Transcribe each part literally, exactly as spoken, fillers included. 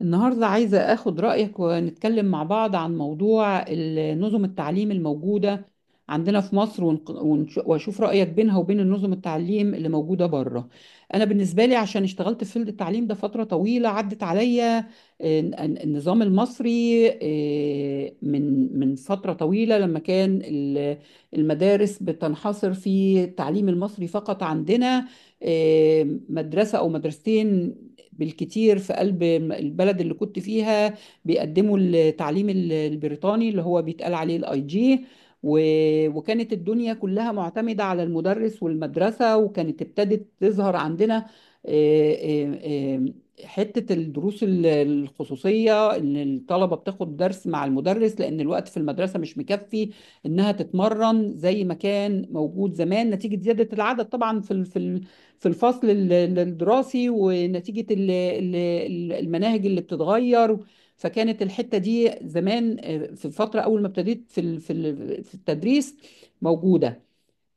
النهاردة عايزة أخد رأيك ونتكلم مع بعض عن موضوع ال- نظم التعليم الموجودة عندنا في مصر ونق- ونش- وأشوف رأيك بينها وبين النظم التعليم اللي موجودة بره. أنا بالنسبة لي عشان اشتغلت في فيلد التعليم ده فترة طويلة عدت عليا. آه، ن- النظام المصري، آه، من من فترة طويلة لما كان ال- المدارس بتنحصر في التعليم المصري فقط عندنا، آه، مدرسة أو مدرستين بالكتير في قلب م- البلد اللي كنت فيها بيقدموا التعليم ال- البريطاني اللي هو بيتقال عليه الاي جي. وكانت الدنيا كلها معتمدة على المدرس والمدرسة، وكانت ابتدت تظهر عندنا، آه، آه، آه، حتة الدروس ال- الخصوصية، إن الطلبة بتاخد درس مع المدرس لأن الوقت في المدرسة مش مكفي إنها تتمرن زي ما كان موجود زمان، نتيجة زيادة العدد طبعا في ال- في ال- في الفصل ال- ال- الدراسي، ونتيجة ال- ال- ال- المناهج اللي بتتغير. فكانت الحتة دي زمان، آه، في الفترة أول ما ابتديت في ال- في ال- في التدريس، موجودة.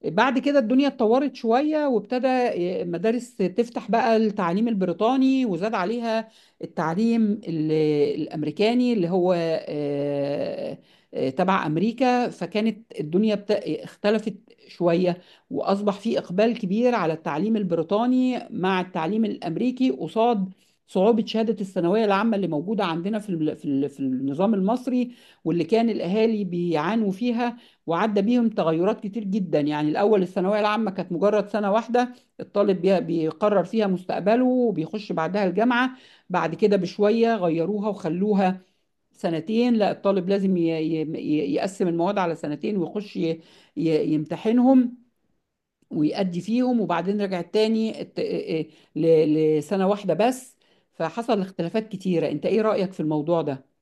بعد كده الدنيا اتطورت شوية وابتدى مدارس تفتح بقى التعليم البريطاني، وزاد عليها التعليم ال- الأمريكاني اللي هو آه، آه، تبع أمريكا. فكانت الدنيا بت- اختلفت شوية، وأصبح في إقبال كبير على التعليم البريطاني مع التعليم الأمريكي قصاد صعوبة شهادة الثانوية العامة اللي موجودة عندنا في ال- في ال- في النظام المصري واللي كان الأهالي بيعانوا فيها. وعدى بيهم تغيرات كتير جدا، يعني الأول الثانوية العامة كانت مجرد سنة واحدة الطالب بي- بيقرر فيها مستقبله وبيخش بعدها الجامعة. بعد كده بشوية غيروها وخلوها سنتين، لا الطالب لازم ي- ي- ي- يقسم المواد على سنتين ويخش ي- ي- يمتحنهم ويأدي فيهم، وبعدين رجعت تاني الت- ل- لسنة واحدة بس. فحصل اختلافات كتيرة، انت ايه رأيك في الموضوع ده؟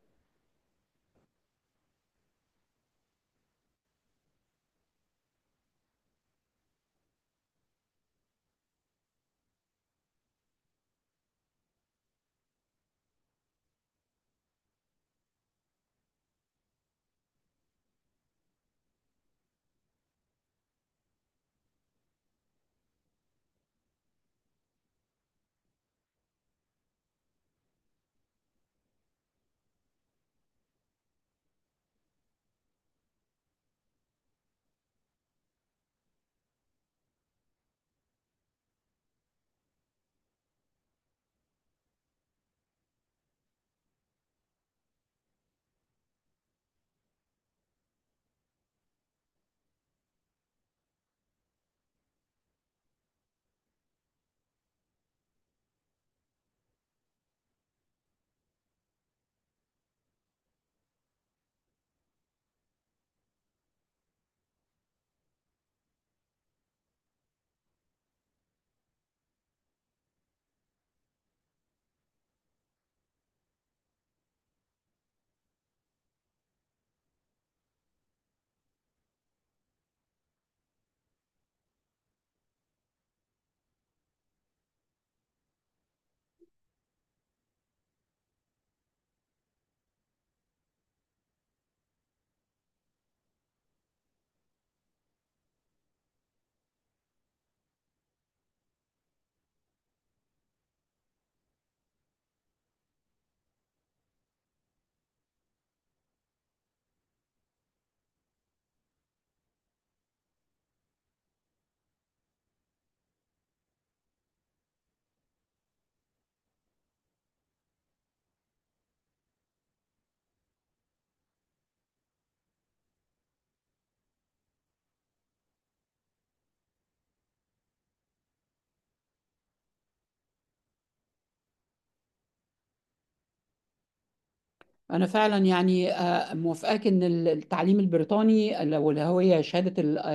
أنا فعلا يعني آه، موافقاك إن التعليم البريطاني لو اللي هي شهادة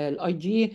الاي جي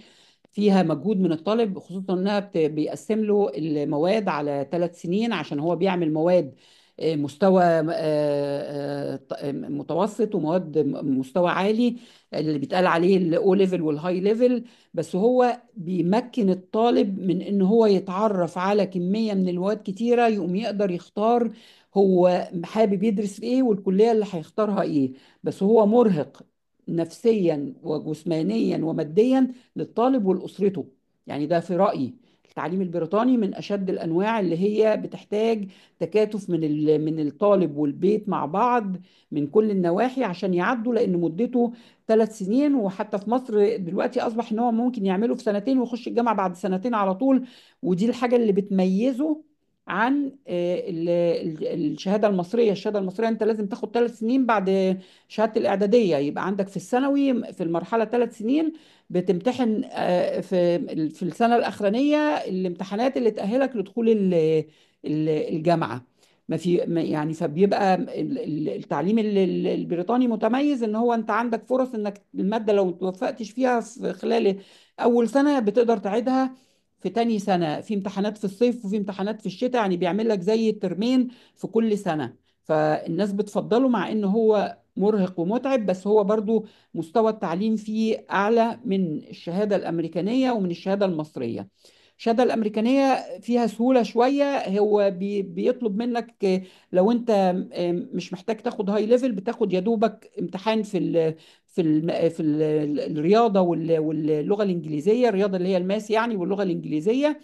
فيها مجهود من الطالب، خصوصا إنها بت- بيقسم له المواد على ثلاث سنين عشان هو بيعمل مواد، آه، مستوى آه، آه، ط- آه، متوسط ومواد م- مستوى عالي اللي بيتقال عليه الاو ليفل والهاي ليفل. بس هو بيمكن الطالب من ان هو يتعرف على كمية من المواد كتيرة، يقوم يقدر يختار هو حابب يدرس في ايه والكلية اللي هيختارها ايه. بس هو مرهق نفسيا وجسمانيا وماديا للطالب ولأسرته. يعني ده في رأيي التعليم البريطاني من أشد الأنواع اللي هي بتحتاج تكاتف من ال- من الطالب والبيت مع بعض من كل النواحي عشان يعدوا، لأن مدته ثلاث سنين. وحتى في مصر دلوقتي أصبح إن هو ممكن يعمله في سنتين ويخش الجامعة بعد سنتين على طول. ودي الحاجة اللي بتميزه عن آه، ال- ال- الشهاده المصريه. الشهاده المصريه انت لازم تاخد ثلاث سنين بعد شهاده الاعداديه، يبقى عندك في الثانوي في المرحله ثلاث سنين، بتمتحن آه، في في السنه الاخرانيه الامتحانات اللي تاهلك لدخول ال- ال- الجامعه. ما في ما- يعني فبيبقى ال- ال- التعليم ال- ال- البريطاني متميز ان هو انت عندك فرص انك الماده لو توفقتش فيها في خلال اول سنه بتقدر تعيدها في تاني سنة، في امتحانات في الصيف وفي امتحانات في الشتاء، يعني بيعمل لك زي ترمين في كل سنة. فالناس بتفضله مع ان هو مرهق ومتعب، بس هو برضو مستوى التعليم فيه أعلى من الشهادة الأمريكانية ومن الشهادة المصرية. الشهادة الأمريكانية فيها سهولة شوية، هو بي بيطلب منك لو أنت مش محتاج تاخد هاي ليفل بتاخد يا دوبك امتحان في ال في الم... في ال- ال- الرياضه وال... واللغه الانجليزيه، الرياضه اللي هي الماس يعني واللغه الانجليزيه،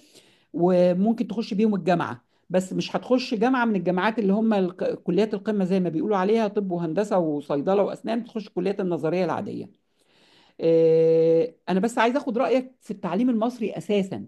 وممكن تخش بيهم الجامعه. بس مش هتخش جامعه من الجامعات اللي هم الق... كليات القمه زي ما بيقولوا عليها، طب وهندسه وصيدله واسنان، تخش الكليات النظريه العاديه. آه، انا بس عايز اخد رايك في التعليم المصري اساسا.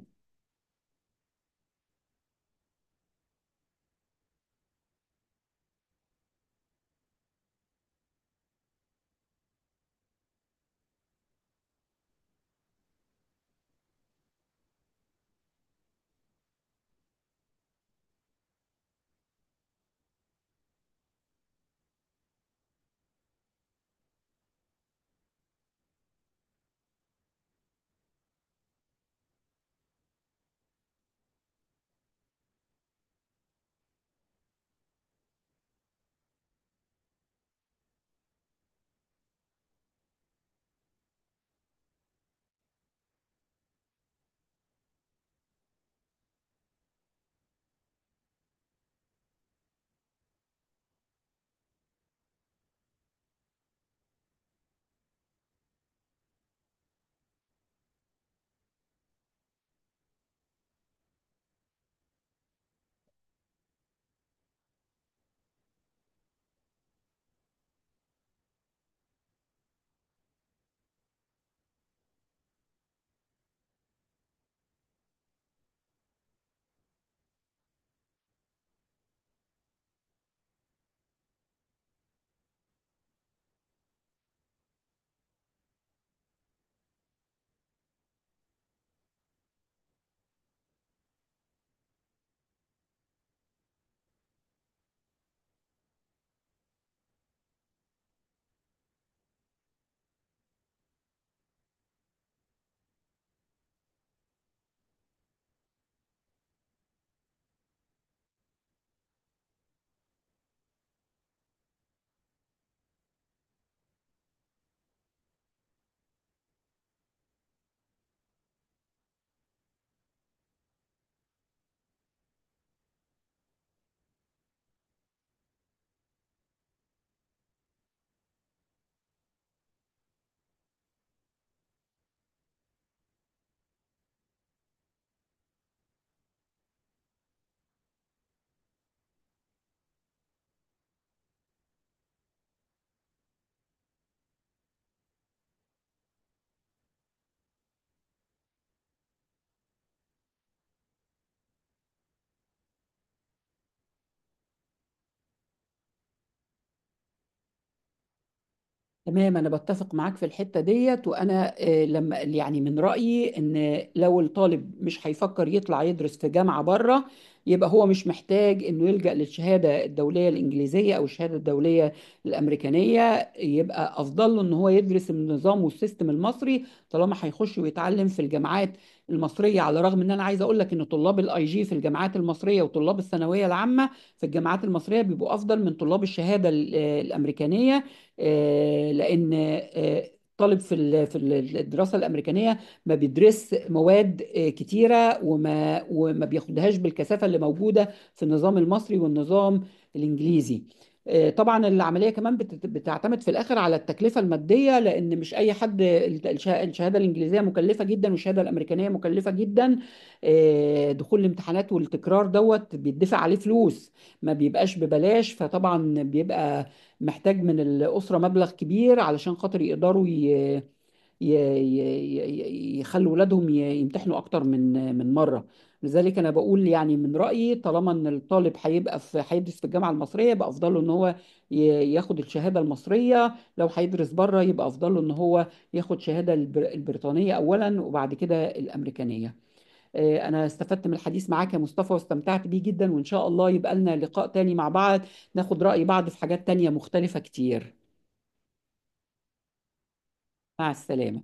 تمام، أنا بتفق معاك في الحتة ديت. وأنا آه، لما يعني من رأيي إن لو الطالب مش هيفكر يطلع يدرس في جامعة بره يبقى هو مش محتاج إنه يلجأ للشهادة الدولية الإنجليزية أو الشهادة الدولية الأمريكانية، يبقى أفضل له إن هو يدرس النظام والسيستم المصري طالما هيخش ويتعلم في الجامعات المصرية. على الرغم إن أنا عايز أقول لك إن طلاب الأي جي في الجامعات المصرية وطلاب الثانوية العامة في الجامعات المصرية بيبقوا أفضل من طلاب الشهادة ال- آه، الأمريكانية، آه، لان الطالب في ال- في ال- الدراسه الامريكانيه ما بيدرس مواد آه، كتيره، وما وما بياخدهاش بالكثافه اللي موجوده في النظام المصري والنظام الانجليزي. آه، طبعا العمليه كمان بت- بتعتمد في الاخر على التكلفه الماديه، لان مش اي حد، الش- الشهاده الانجليزيه مكلفه جدا والشهاده الامريكانيه مكلفه جدا. آه، دخول الامتحانات والتكرار دوت بيدفع عليه فلوس، ما بيبقاش ببلاش، فطبعا بيبقى محتاج من الأسرة مبلغ كبير علشان خاطر يقدروا ي... ي... ي... ي- يخلوا ولادهم ي- يمتحنوا أكتر من من مرة. لذلك أنا بقول يعني من رأيي طالما إن الطالب هيبقى في هيدرس في الجامعة المصرية يبقى أفضل له إن هو ي- ياخد الشهادة المصرية، لو هيدرس بره يبقى أفضل له إن هو ياخد شهادة البر... البريطانية أولا وبعد كده الأمريكانية. آه، انا استفدت من الحديث معاك يا مصطفى واستمتعت بيه جدا، وان شاء الله يبقى لنا لقاء تاني مع بعض ناخد رأي بعض في حاجات تانية مختلفة كتير. مع السلامة.